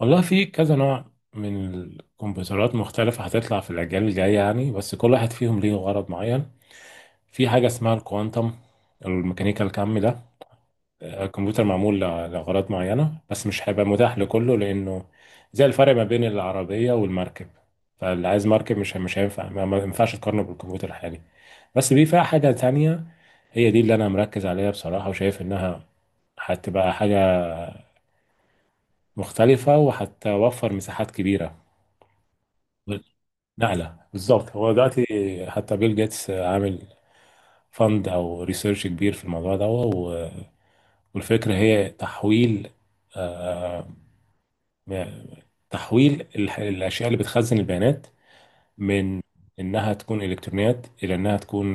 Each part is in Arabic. والله في كذا نوع من الكمبيوترات مختلفة هتطلع في الأجيال الجاية يعني بس كل واحد فيهم ليه غرض معين. في حاجة اسمها الكوانتم، الميكانيكا الكم ده. الكمبيوتر معمول لأغراض معينة بس مش هيبقى متاح لكله لأنه زي الفرق ما بين العربية والمركب. فاللي عايز مركب مش هينفع ما ينفعش تقارنه بالكمبيوتر الحالي. بس فيها حاجة تانية، هي دي اللي أنا مركز عليها بصراحة، وشايف إنها هتبقى حاجة مختلفة وهتوفر مساحات كبيرة. نقلة بالظبط. هو دلوقتي حتى بيل جيتس عامل فند او ريسيرش كبير في الموضوع ده والفكرة هي تحويل، آه، م- تحويل الاشياء اللي بتخزن البيانات من انها تكون الكترونيات الى انها تكون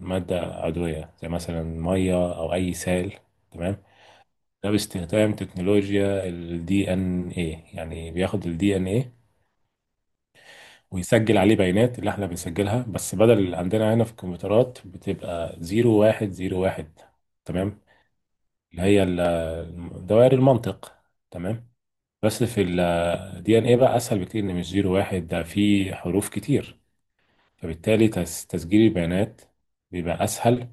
مادة عضوية زي مثلا مية او اي سائل. تمام. ده باستخدام تكنولوجيا الدي ان ايه. يعني بياخد الدي ان ايه ويسجل عليه بيانات اللي احنا بنسجلها، بس بدل اللي عندنا هنا في الكمبيوترات بتبقى زيرو واحد زيرو واحد. تمام. اللي هي دوائر المنطق. تمام. بس في الدي ان ايه بقى اسهل بكتير، ان مش زيرو واحد ده فيه حروف كتير، فبالتالي تسجيل البيانات بيبقى اسهل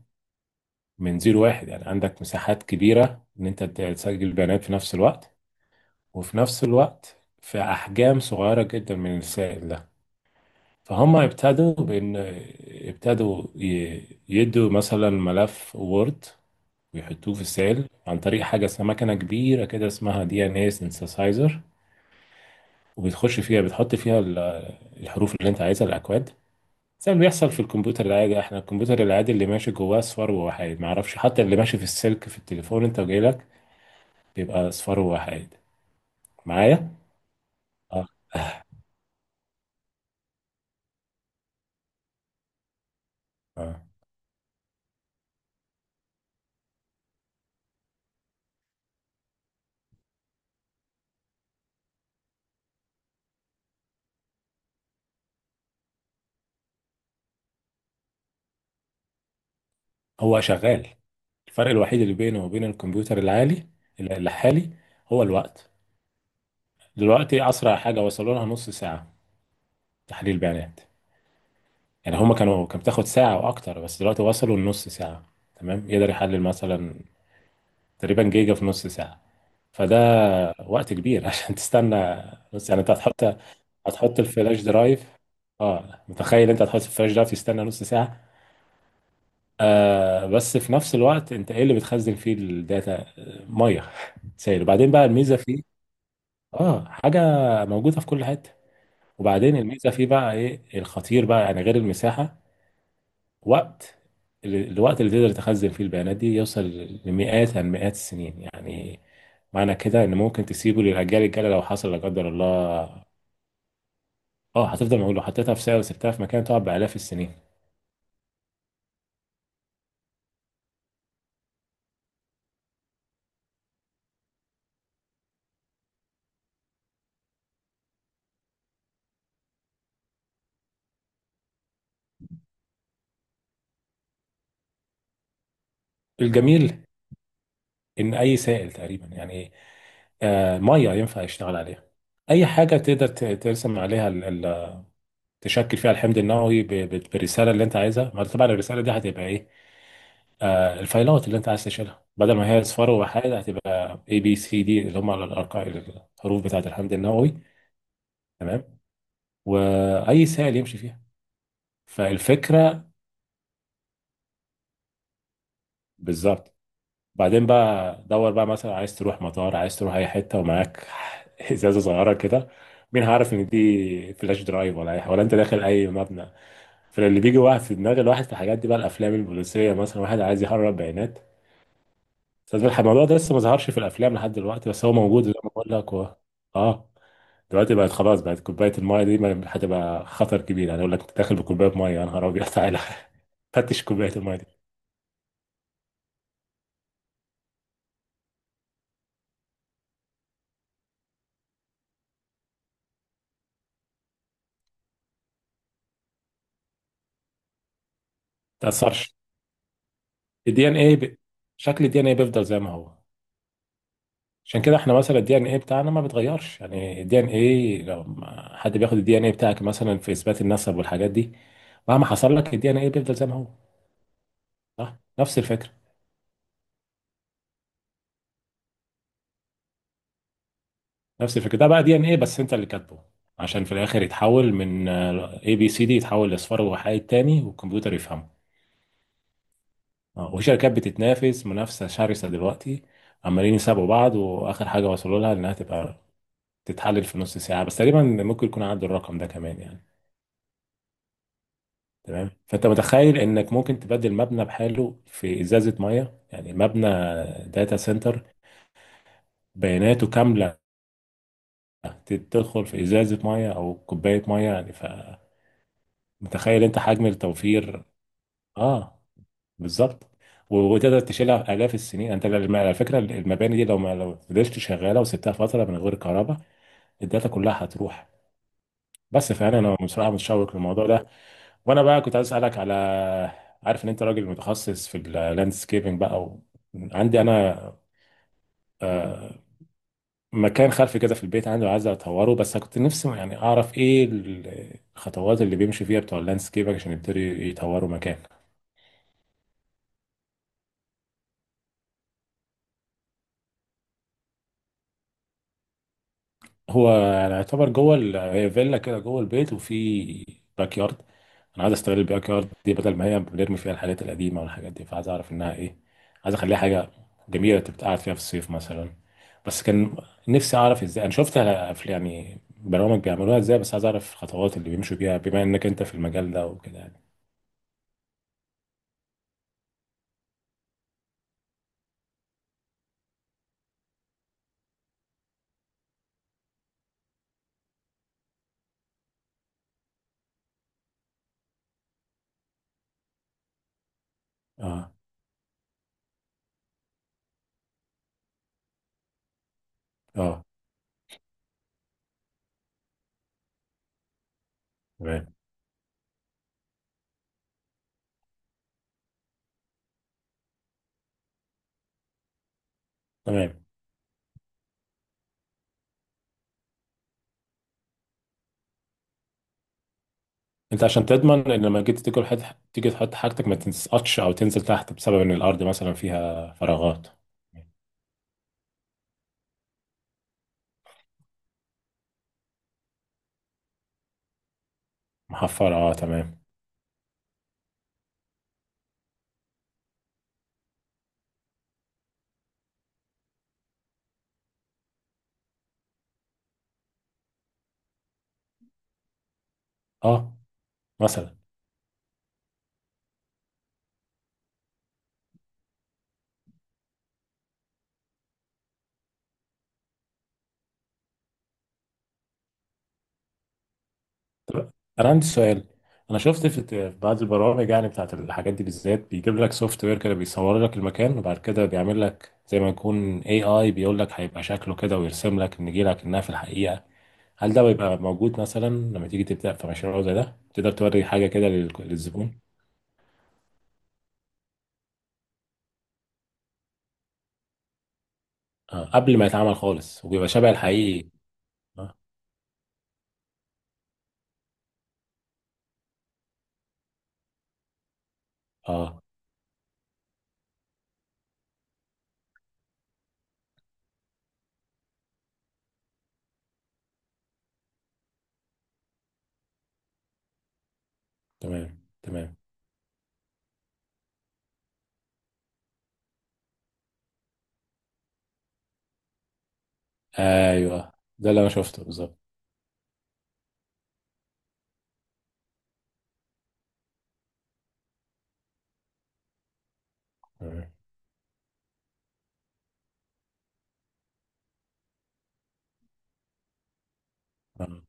من زيرو واحد. يعني عندك مساحات كبيرة ان انت تسجل البيانات في نفس الوقت، وفي نفس الوقت في احجام صغيرة جدا من السائل ده. فهم ابتدوا بإن، ابتدوا يدوا مثلا ملف وورد ويحطوه في السيل عن طريق حاجة اسمها مكنة كبيرة كده اسمها دي ان اي سينثسايزر، وبتخش فيها، بتحط فيها الحروف اللي انت عايزها، الأكواد، زي اللي بيحصل في الكمبيوتر العادي. احنا الكمبيوتر العادي اللي ماشي جواه صفار ووحيد، معرفش حتى اللي ماشي في السلك في التليفون انت وجايلك بيبقى صفار ووحيد. معايا؟ اه. آه. هو شغال، الفرق الوحيد اللي بينه وبين الكمبيوتر الحالي هو الوقت. دلوقتي اسرع حاجه وصلوا لها نص ساعه، تحليل بيانات. يعني هما كان بتاخد ساعه واكتر، بس دلوقتي وصلوا لنص ساعه. تمام، يقدر يحلل مثلا تقريبا جيجا في نص ساعه. فده وقت كبير عشان تستنى نص، يعني انت هتحط، هتحط الفلاش درايف. اه متخيل؟ انت هتحط الفلاش درايف تستنى نص ساعه. آه بس في نفس الوقت انت ايه اللي بتخزن فيه الداتا؟ ميه، سائل. وبعدين بقى الميزه فيه، اه، حاجه موجوده في كل حته. وبعدين الميزه فيه بقى ايه الخطير بقى يعني غير المساحه؟ وقت. الوقت اللي تقدر تخزن فيه البيانات دي يوصل لمئات عن مئات السنين يعني. معنى كده ان ممكن تسيبه للاجيال الجايه لو حصل لا قدر الله. اه هتفضل، معقول لو حطيتها في سائل وسبتها في مكان تقعد بالاف السنين. الجميل ان اي سائل تقريبا يعني، ميه، ينفع يشتغل عليها. اي حاجه تقدر ترسم عليها، تشكل فيها الحمض النووي بالرساله اللي انت عايزها. ما طبعا الرساله دي هتبقى ايه؟ آه الفايلات اللي انت عايز تشيلها بدل ما هي اصفار وحاجه هتبقى اي بي سي دي، اللي هم الارقام، الحروف بتاعه الحمض النووي. تمام، واي سائل يمشي فيها. فالفكره بالظبط، بعدين بقى دور بقى مثلا، عايز تروح مطار، عايز تروح اي حته ومعاك ازازه صغيره كده، مين هعرف ان دي فلاش درايف ولا اي حاجه ولا انت داخل اي مبنى؟ فاللي بيجي واحد في دماغ الواحد في الحاجات دي بقى الافلام البوليسيه، مثلا واحد عايز يهرب بيانات. بس الموضوع ده لسه ما ظهرش في الافلام لحد دلوقتي، بس هو موجود زي ما بقول لك و... اه دلوقتي بقت خلاص، بقت كوبايه المايه دي هتبقى خطر كبير يعني، اقول لك انت داخل بكوبايه مايه، يا نهار ابيض، تعالى فتش كوبايه المايه دي ما تاثرش الدي ان اي شكل الدي ان اي بيفضل زي ما هو. عشان كده احنا مثلا الدي ان ايه بتاعنا ما بيتغيرش. يعني الدي ان ايه لو حد بياخد الدي ان ايه بتاعك مثلا في اثبات النسب والحاجات دي، مهما حصل لك الدي ان ايه بيفضل زي ما هو. صح، نفس الفكره. نفس الفكره، ده بقى دي ان ايه بس انت اللي كاتبه، عشان في الاخر يتحول من اي بي سي دي، يتحول لاصفار وحايد تاني والكمبيوتر يفهمه. اه، وشركات بتتنافس منافسه شرسه دلوقتي، عمالين يسابقوا بعض، واخر حاجه وصلوا لها انها تبقى تتحلل في نص ساعه بس تقريبا، ممكن يكون عدوا الرقم ده كمان يعني. تمام، فانت متخيل انك ممكن تبدل مبنى بحاله في ازازه ميه يعني، مبنى داتا سنتر، بياناته كامله تدخل في ازازه ميه او كوبايه ميه يعني. فمتخيل انت حجم التوفير اه بالظبط. وتقدر تشيلها الاف السنين. انت على فكره المباني دي لو ما لو فضلت شغاله وسبتها فتره من غير كهرباء الداتا كلها هتروح. بس فانا، بصراحه متشوق للموضوع ده. وانا بقى كنت عايز اسالك على، عارف ان انت راجل متخصص في اللاندسكيبنج بقى و... عندي انا آه، مكان خلفي كده في البيت عندي، وعايز اطوره، بس كنت نفسي يعني اعرف ايه الخطوات اللي بيمشي فيها بتوع اللاندسكيب عشان يبتدي يطوروا مكان. هو يعني يعتبر جوه هي فيلا كده جوه البيت، وفي باك يارد. انا عايز استغل الباك يارد دي بدل ما هي بنرمي فيها الحاجات القديمه والحاجات دي، فعايز اعرف انها ايه، عايز اخليها حاجه جميله تبقى قاعد فيها في الصيف مثلا. بس كان نفسي اعرف ازاي. انا شفت يعني برامج بيعملوها ازاي، بس عايز اعرف الخطوات اللي بيمشوا بيها بما انك انت في المجال ده وكده يعني. اه اه. تمام تمام. انت عشان تضمن ان لما جيت تيجي تحط، تيجي تحط حاجتك ما تسقطش او تنزل تحت بسبب ان الارض مثلا فيها فراغات، محفرة، اه تمام. اه مثلا. طب انا عندي سؤال، انا شفت في في بعض البرامج يعني بتاعت الحاجات دي بالذات بيجيب لك سوفت وير كده بيصور لك المكان، وبعد كده بيعمل لك زي ما يكون اي اي، بيقول لك هيبقى شكله كده ويرسم لك النجيلة كأنها في الحقيقة. هل ده بيبقى موجود مثلا لما تيجي تبدأ في مشروع زي ده، تقدر توري حاجة كده للزبون؟ آه قبل ما يتعمل خالص، وبيبقى شبه الحقيقي. اه تمام تمام. ايوه ده اللي انا شفته بالظبط. تمام. آه.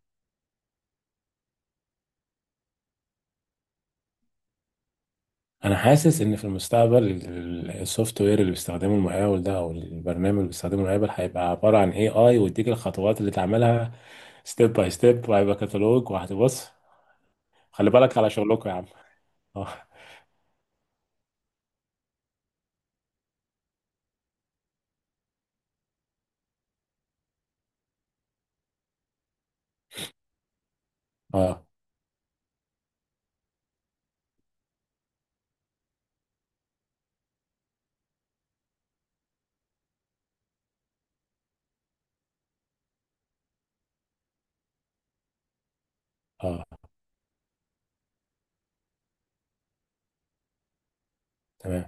انا حاسس ان في المستقبل السوفت وير اللي بيستخدمه المقاول ده، او البرنامج اللي بيستخدمه المقاول هيبقى عباره عن اي اي، ويديك الخطوات اللي تعملها ستيب باي ستيب، وهيبقى كتالوج وهتبص. خلي بالك على شغلكم يا عم. اه اه اه. تمام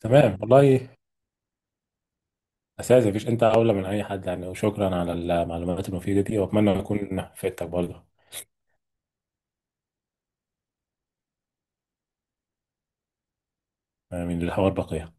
تمام. والله اساسا مفيش، انت اولى من اي حد يعني، وشكرا على المعلومات المفيده دي، واتمنى اكون فدتك برضه. من الحوار بقيه.